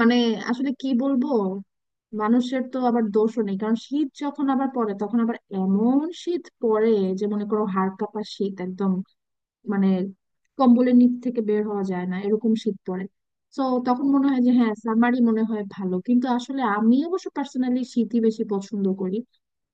মানে আসলে কি বলবো? মানুষের তো আবার দোষও নেই, কারণ শীত যখন আবার পড়ে তখন আবার এমন শীত পড়ে যে মনে করো হাড় কাঁপা শীত একদম, মানে কম্বলের নিচ থেকে বের হওয়া যায় না এরকম শীত পড়ে। তো তখন মনে হয় যে হ্যাঁ, সামারই মনে হয় ভালো, কিন্তু আসলে আমি অবশ্য পার্সোনালি শীতই বেশি পছন্দ করি।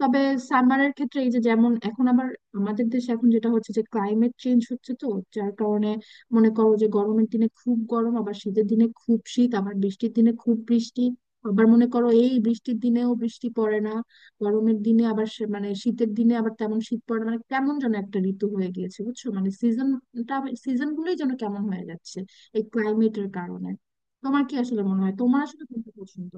তবে সামারের ক্ষেত্রে এই যে, যেমন এখন আবার আমাদের দেশে এখন যেটা হচ্ছে যে ক্লাইমেট চেঞ্জ হচ্ছে, তো যার কারণে মনে করো যে গরমের দিনে খুব গরম, আবার শীতের দিনে খুব শীত, আবার বৃষ্টির দিনে খুব বৃষ্টি, আবার মনে করো এই বৃষ্টির দিনেও বৃষ্টি পড়ে না, গরমের দিনে আবার মানে শীতের দিনে আবার তেমন শীত পড়ে না। মানে কেমন যেন একটা ঋতু হয়ে গিয়েছে, বুঝছো, মানে সিজনটা, সিজন গুলোই যেন কেমন হয়ে যাচ্ছে এই ক্লাইমেটের কারণে। তোমার কি আসলে মনে হয়, তোমার আসলে কোনটা পছন্দ?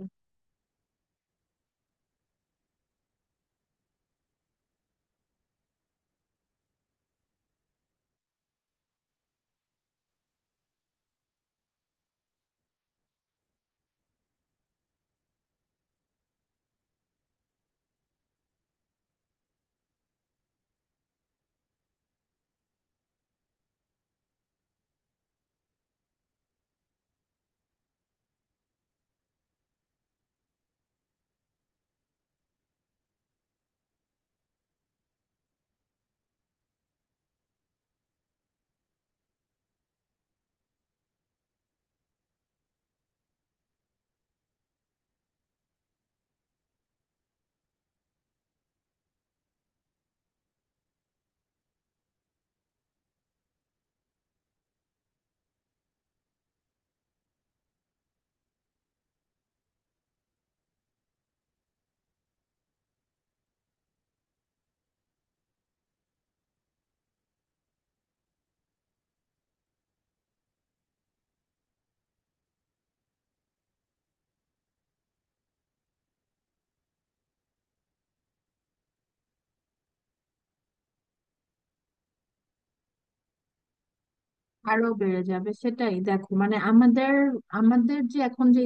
আরো বেড়ে যাবে, সেটাই দেখো, মানে আমাদের, আমাদের যে এখন যে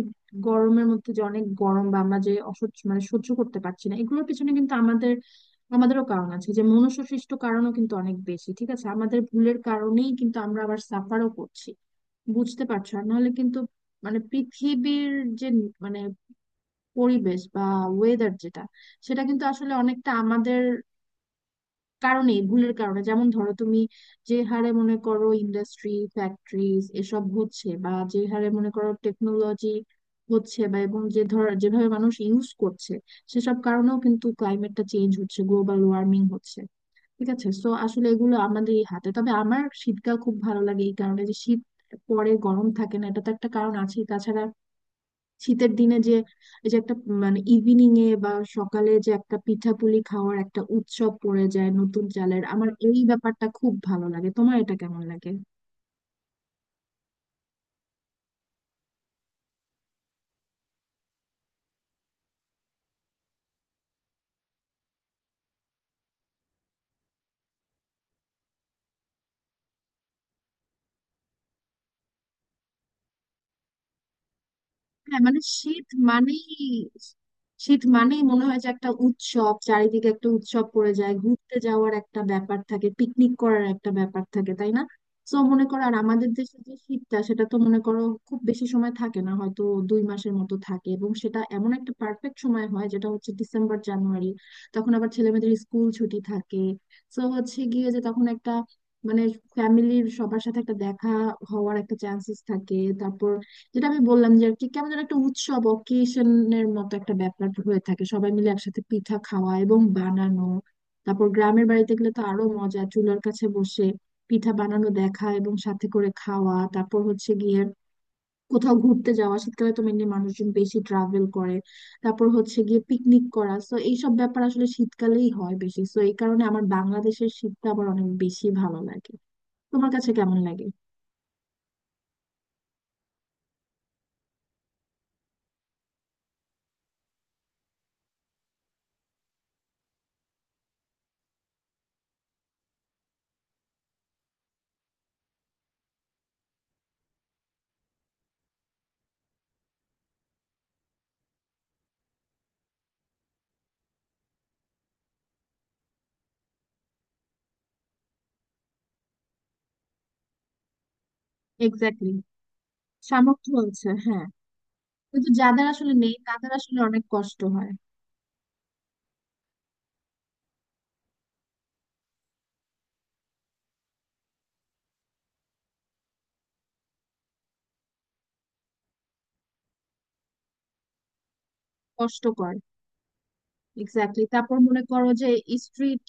গরমের মধ্যে যে অনেক গরম বা আমরা যে অসহ্য, মানে সহ্য করতে পারছি না, এগুলোর পিছনে কিন্তু আমাদেরও কারণ আছে, যে মনুষ্য সৃষ্ট কারণও কিন্তু অনেক বেশি, ঠিক আছে? আমাদের ভুলের কারণেই কিন্তু আমরা আবার সাফারও করছি, বুঝতে পারছো? আর নাহলে কিন্তু, মানে পৃথিবীর যে, মানে পরিবেশ বা ওয়েদার যেটা, সেটা কিন্তু আসলে অনেকটা আমাদের কারণেই, ভুলের কারণে। যেমন ধরো তুমি, যে হারে মনে করো ইন্ডাস্ট্রি, ফ্যাক্টরিজ এসব হচ্ছে, বা যে হারে মনে করো টেকনোলজি হচ্ছে, বা এবং যে, ধর যেভাবে মানুষ ইউজ করছে, সেসব কারণেও কিন্তু ক্লাইমেটটা চেঞ্জ হচ্ছে, গ্লোবাল ওয়ার্মিং হচ্ছে। ঠিক আছে, সো আসলে এগুলো আমাদেরই হাতে। তবে আমার শীতকাল খুব ভালো লাগে এই কারণে যে শীত পরে গরম থাকে না, এটা তো একটা কারণ আছে। তাছাড়া শীতের দিনে যে, এই যে একটা, মানে ইভিনিং এ বা সকালে যে একটা পিঠাপুলি খাওয়ার একটা উৎসব পড়ে যায় নতুন চালের, আমার এই ব্যাপারটা খুব ভালো লাগে। তোমার এটা কেমন লাগে? হ্যাঁ, মানে শীত মানেই, শীত মানেই মনে হয় যে একটা উৎসব, চারিদিকে একটা উৎসব পড়ে যায়, ঘুরতে যাওয়ার একটা ব্যাপার থাকে, পিকনিক করার একটা ব্যাপার থাকে, তাই না? তো মনে করো আর আমাদের দেশে যে শীতটা, সেটা তো মনে করো খুব বেশি সময় থাকে না, হয়তো 2 মাসের মতো থাকে, এবং সেটা এমন একটা পারফেক্ট সময় হয়, যেটা হচ্ছে ডিসেম্বর জানুয়ারি। তখন আবার ছেলেমেয়েদের স্কুল ছুটি থাকে, তো হচ্ছে গিয়ে যে তখন একটা, মানে ফ্যামিলির সবার সাথে একটা দেখা হওয়ার একটা চান্সেস থাকে। তারপর যেটা আমি বললাম, যে আর কি কেমন যেন একটা উৎসব অকেশনের মতো একটা ব্যাপার হয়ে থাকে, সবাই মিলে একসাথে পিঠা খাওয়া এবং বানানো। তারপর গ্রামের বাড়িতে গেলে তো আরো মজা, চুলার কাছে বসে পিঠা বানানো দেখা এবং সাথে করে খাওয়া। তারপর হচ্ছে গিয়ে কোথাও ঘুরতে যাওয়া, শীতকালে তো মেনলি মানুষজন বেশি ট্রাভেল করে। তারপর হচ্ছে গিয়ে পিকনিক করা, তো এইসব ব্যাপার আসলে শীতকালেই হয় বেশি, তো এই কারণে আমার বাংলাদেশের শীতটা আবার অনেক বেশি ভালো লাগে। তোমার কাছে কেমন লাগে? এক্স্যাক্টলি, সামর্থ্য আছে, হ্যাঁ। কিন্তু যাদের আসলে নেই তাদের আসলে অনেক কষ্ট হয়, কষ্টকর। এক্স্যাক্টলি, তারপর মনে করো যে স্ট্রিট,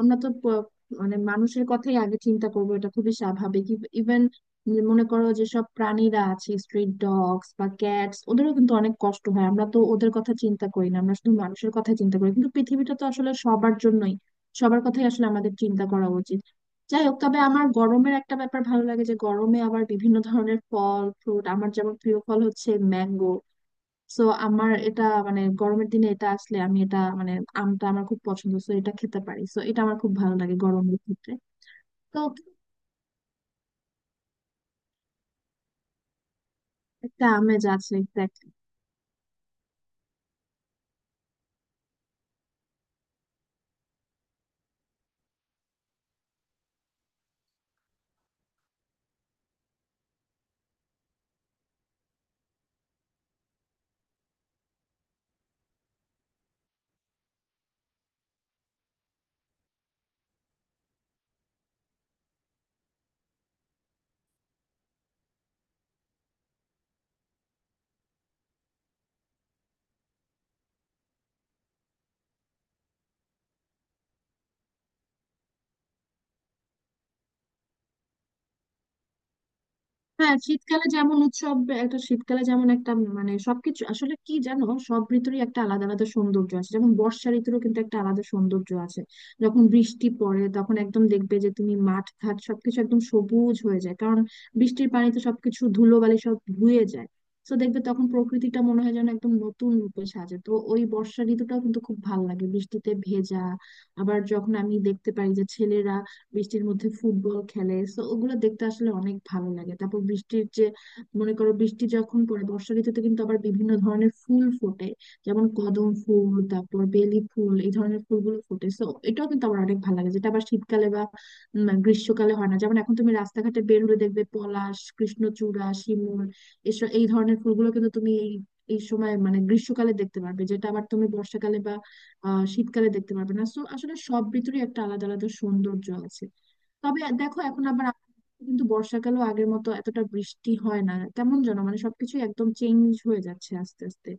আমরা তো মানে মানুষের কথাই আগে চিন্তা করবো, এটা খুবই স্বাভাবিক। ইভেন মনে করো যেসব প্রাণীরা আছে, স্ট্রিট ডগস বা ক্যাটস, ওদেরও কিন্তু অনেক কষ্ট হয়। আমরা তো ওদের কথা চিন্তা করি না, আমরা শুধু মানুষের কথা চিন্তা করি, কিন্তু পৃথিবীটা তো আসলে সবার জন্যই, সবার কথাই আসলে আমাদের চিন্তা করা উচিত। যাই হোক, তবে আমার গরমের একটা ব্যাপার ভালো লাগে, যে গরমে আবার বিভিন্ন ধরনের ফল ফ্রুট, আমার যেমন প্রিয় ফল হচ্ছে ম্যাঙ্গো, সো আমার এটা, মানে গরমের দিনে এটা আসলে আমি এটা, মানে আমটা আমার খুব পছন্দ, সো এটা খেতে পারি, সো এটা আমার খুব ভালো লাগে গরমের ক্ষেত্রে। তো একটা আমেজ আছে। হ্যাঁ, শীতকালে যেমন উৎসব, একটা শীতকালে যেমন একটা, মানে সবকিছু আসলে কি জানো, সব ঋতুরই একটা আলাদা আলাদা সৌন্দর্য আছে, যেমন বর্ষা ঋতুরও কিন্তু একটা আলাদা সৌন্দর্য আছে। যখন বৃষ্টি পড়ে তখন একদম দেখবে যে তুমি মাঠ ঘাট সবকিছু একদম সবুজ হয়ে যায়, কারণ বৃষ্টির পানিতে সবকিছু ধুলোবালি সব ধুয়ে যায়। তো দেখবে তখন প্রকৃতিটা মনে হয় যেন একদম নতুন রূপে সাজে, তো ওই বর্ষা ঋতুটাও কিন্তু খুব ভালো লাগে, বৃষ্টিতে ভেজা। আবার যখন আমি দেখতে পাই যে ছেলেরা বৃষ্টির মধ্যে ফুটবল খেলে, তো ওগুলো দেখতে আসলে অনেক ভালো লাগে। তারপর বৃষ্টির যে, মনে করো বৃষ্টি যখন পড়ে বর্ষা ঋতুতে কিন্তু আবার বিভিন্ন ধরনের ফুল ফোটে, যেমন কদম ফুল, তারপর বেলি ফুল, এই ধরনের ফুলগুলো ফোটে, তো এটাও কিন্তু আমার অনেক ভালো লাগে, যেটা আবার শীতকালে বা গ্রীষ্মকালে হয় না। যেমন এখন তুমি রাস্তাঘাটে বের হলে দেখবে পলাশ, কৃষ্ণচূড়া, শিমুল, এসব এই ধরনের ফুলগুলো কিন্তু তুমি এই, এই সময় মানে গ্রীষ্মকালে দেখতে পারবে, যেটা আবার তুমি বর্ষাকালে বা শীতকালে দেখতে পারবে না, সো আসলে সব ঋতুরই একটা আলাদা আলাদা সৌন্দর্য আছে। তবে দেখো এখন আবার আমাদের কিন্তু বর্ষাকালেও আগের মতো এতটা বৃষ্টি হয় না, কেমন যেন মানে সবকিছু একদম চেঞ্জ হয়ে যাচ্ছে আস্তে আস্তে।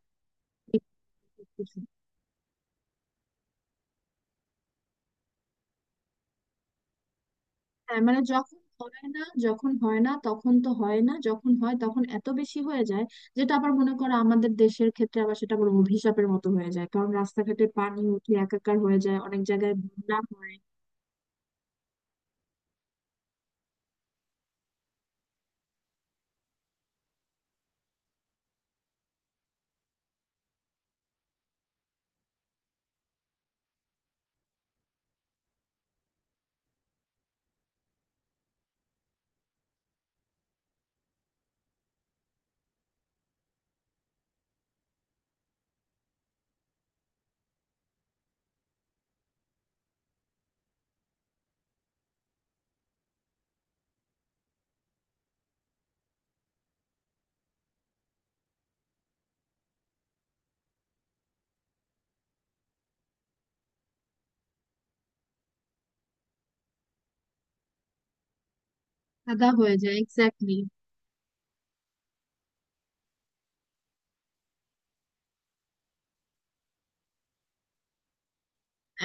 হ্যাঁ, মানে যখন হয় না, যখন হয় না তখন তো হয় না, যখন হয় তখন এত বেশি হয়ে যায়, যেটা আবার মনে করো আমাদের দেশের ক্ষেত্রে আবার সেটা আবার অভিশাপের মতো হয়ে যায়, কারণ রাস্তাঘাটে পানি উঠে একাকার হয়ে যায়, অনেক জায়গায় বন্যা হয়। কাদা হয়ে যায়, এক্স্যাক্টলি।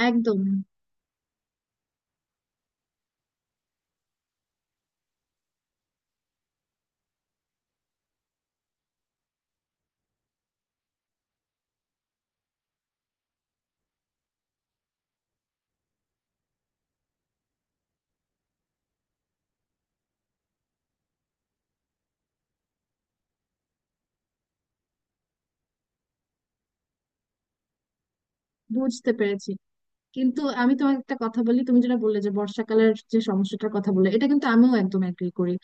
একদম, বুঝতে পেরেছি। কিন্তু আমি তোমাকে একটা কথা বলি, তুমি যেটা বললে যে বর্ষাকালের যে সমস্যাটার কথা বললে, এটা কিন্তু আমিও একদম এগ্রি করি।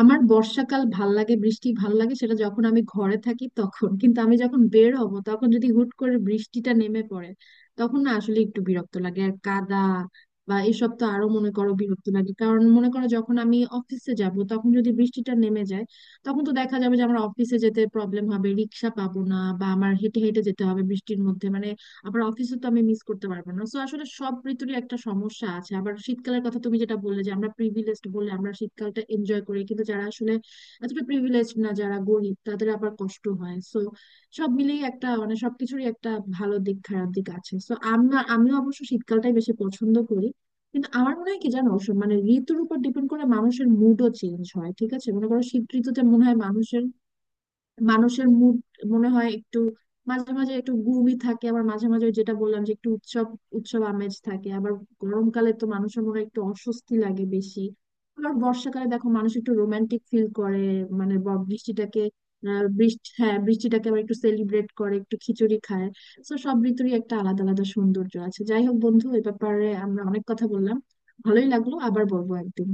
আমার বর্ষাকাল ভাল লাগে, বৃষ্টি ভাল লাগে সেটা যখন আমি ঘরে থাকি তখন, কিন্তু আমি যখন বের হব তখন যদি হুট করে বৃষ্টিটা নেমে পড়ে, তখন না আসলে একটু বিরক্ত লাগে, আর কাদা বা এসব তো আরো মনে করো বিরক্ত লাগে। কারণ মনে করো যখন আমি অফিসে যাব তখন যদি বৃষ্টিটা নেমে যায়, তখন তো দেখা যাবে যে আমার অফিসে যেতে প্রবলেম হবে, রিক্সা পাবো না বা আমার হেঁটে হেঁটে যেতে হবে বৃষ্টির মধ্যে, মানে আবার অফিসে তো আমি মিস করতে পারবো না, সো আসলে সব ঋতুরই একটা সমস্যা আছে। আবার শীতকালের কথা তুমি যেটা বললে যে আমরা প্রিভিলেজড বলে আমরা শীতকালটা এনজয় করি, কিন্তু যারা আসলে এতটা প্রিভিলেজড না, যারা গরিব, তাদের আবার কষ্ট হয়। সো সব মিলিয়ে একটা, মানে সবকিছুরই একটা ভালো দিক, খারাপ দিক আছে, সো আমরা, আমিও অবশ্য শীতকালটাই বেশি পছন্দ করি। কিন্তু আমার মনে হয় কি জানো, সব মানে ঋতুর উপর ডিপেন্ড করে মানুষের মুডও চেঞ্জ হয়, ঠিক আছে? মনে করো শীত ঋতুতে মনে হয় মানুষের মানুষের মুড মনে হয় একটু, মাঝে মাঝে একটু গুমই থাকে, আবার মাঝে মাঝে ওই যেটা বললাম যে একটু উৎসব উৎসব আমেজ থাকে। আবার গরমকালে তো মানুষের মনে হয় একটু অস্বস্তি লাগে বেশি। আবার বর্ষাকালে দেখো মানুষ একটু রোমান্টিক ফিল করে, মানে বৃষ্টিটাকে, বৃষ্টি, হ্যাঁ বৃষ্টিটাকে আবার একটু সেলিব্রেট করে, একটু খিচুড়ি খায়। তো সব ঋতুরই একটা আলাদা আলাদা সৌন্দর্য আছে। যাই হোক বন্ধু, এ ব্যাপারে আমরা অনেক কথা বললাম, ভালোই লাগলো। আবার বলবো একদিন।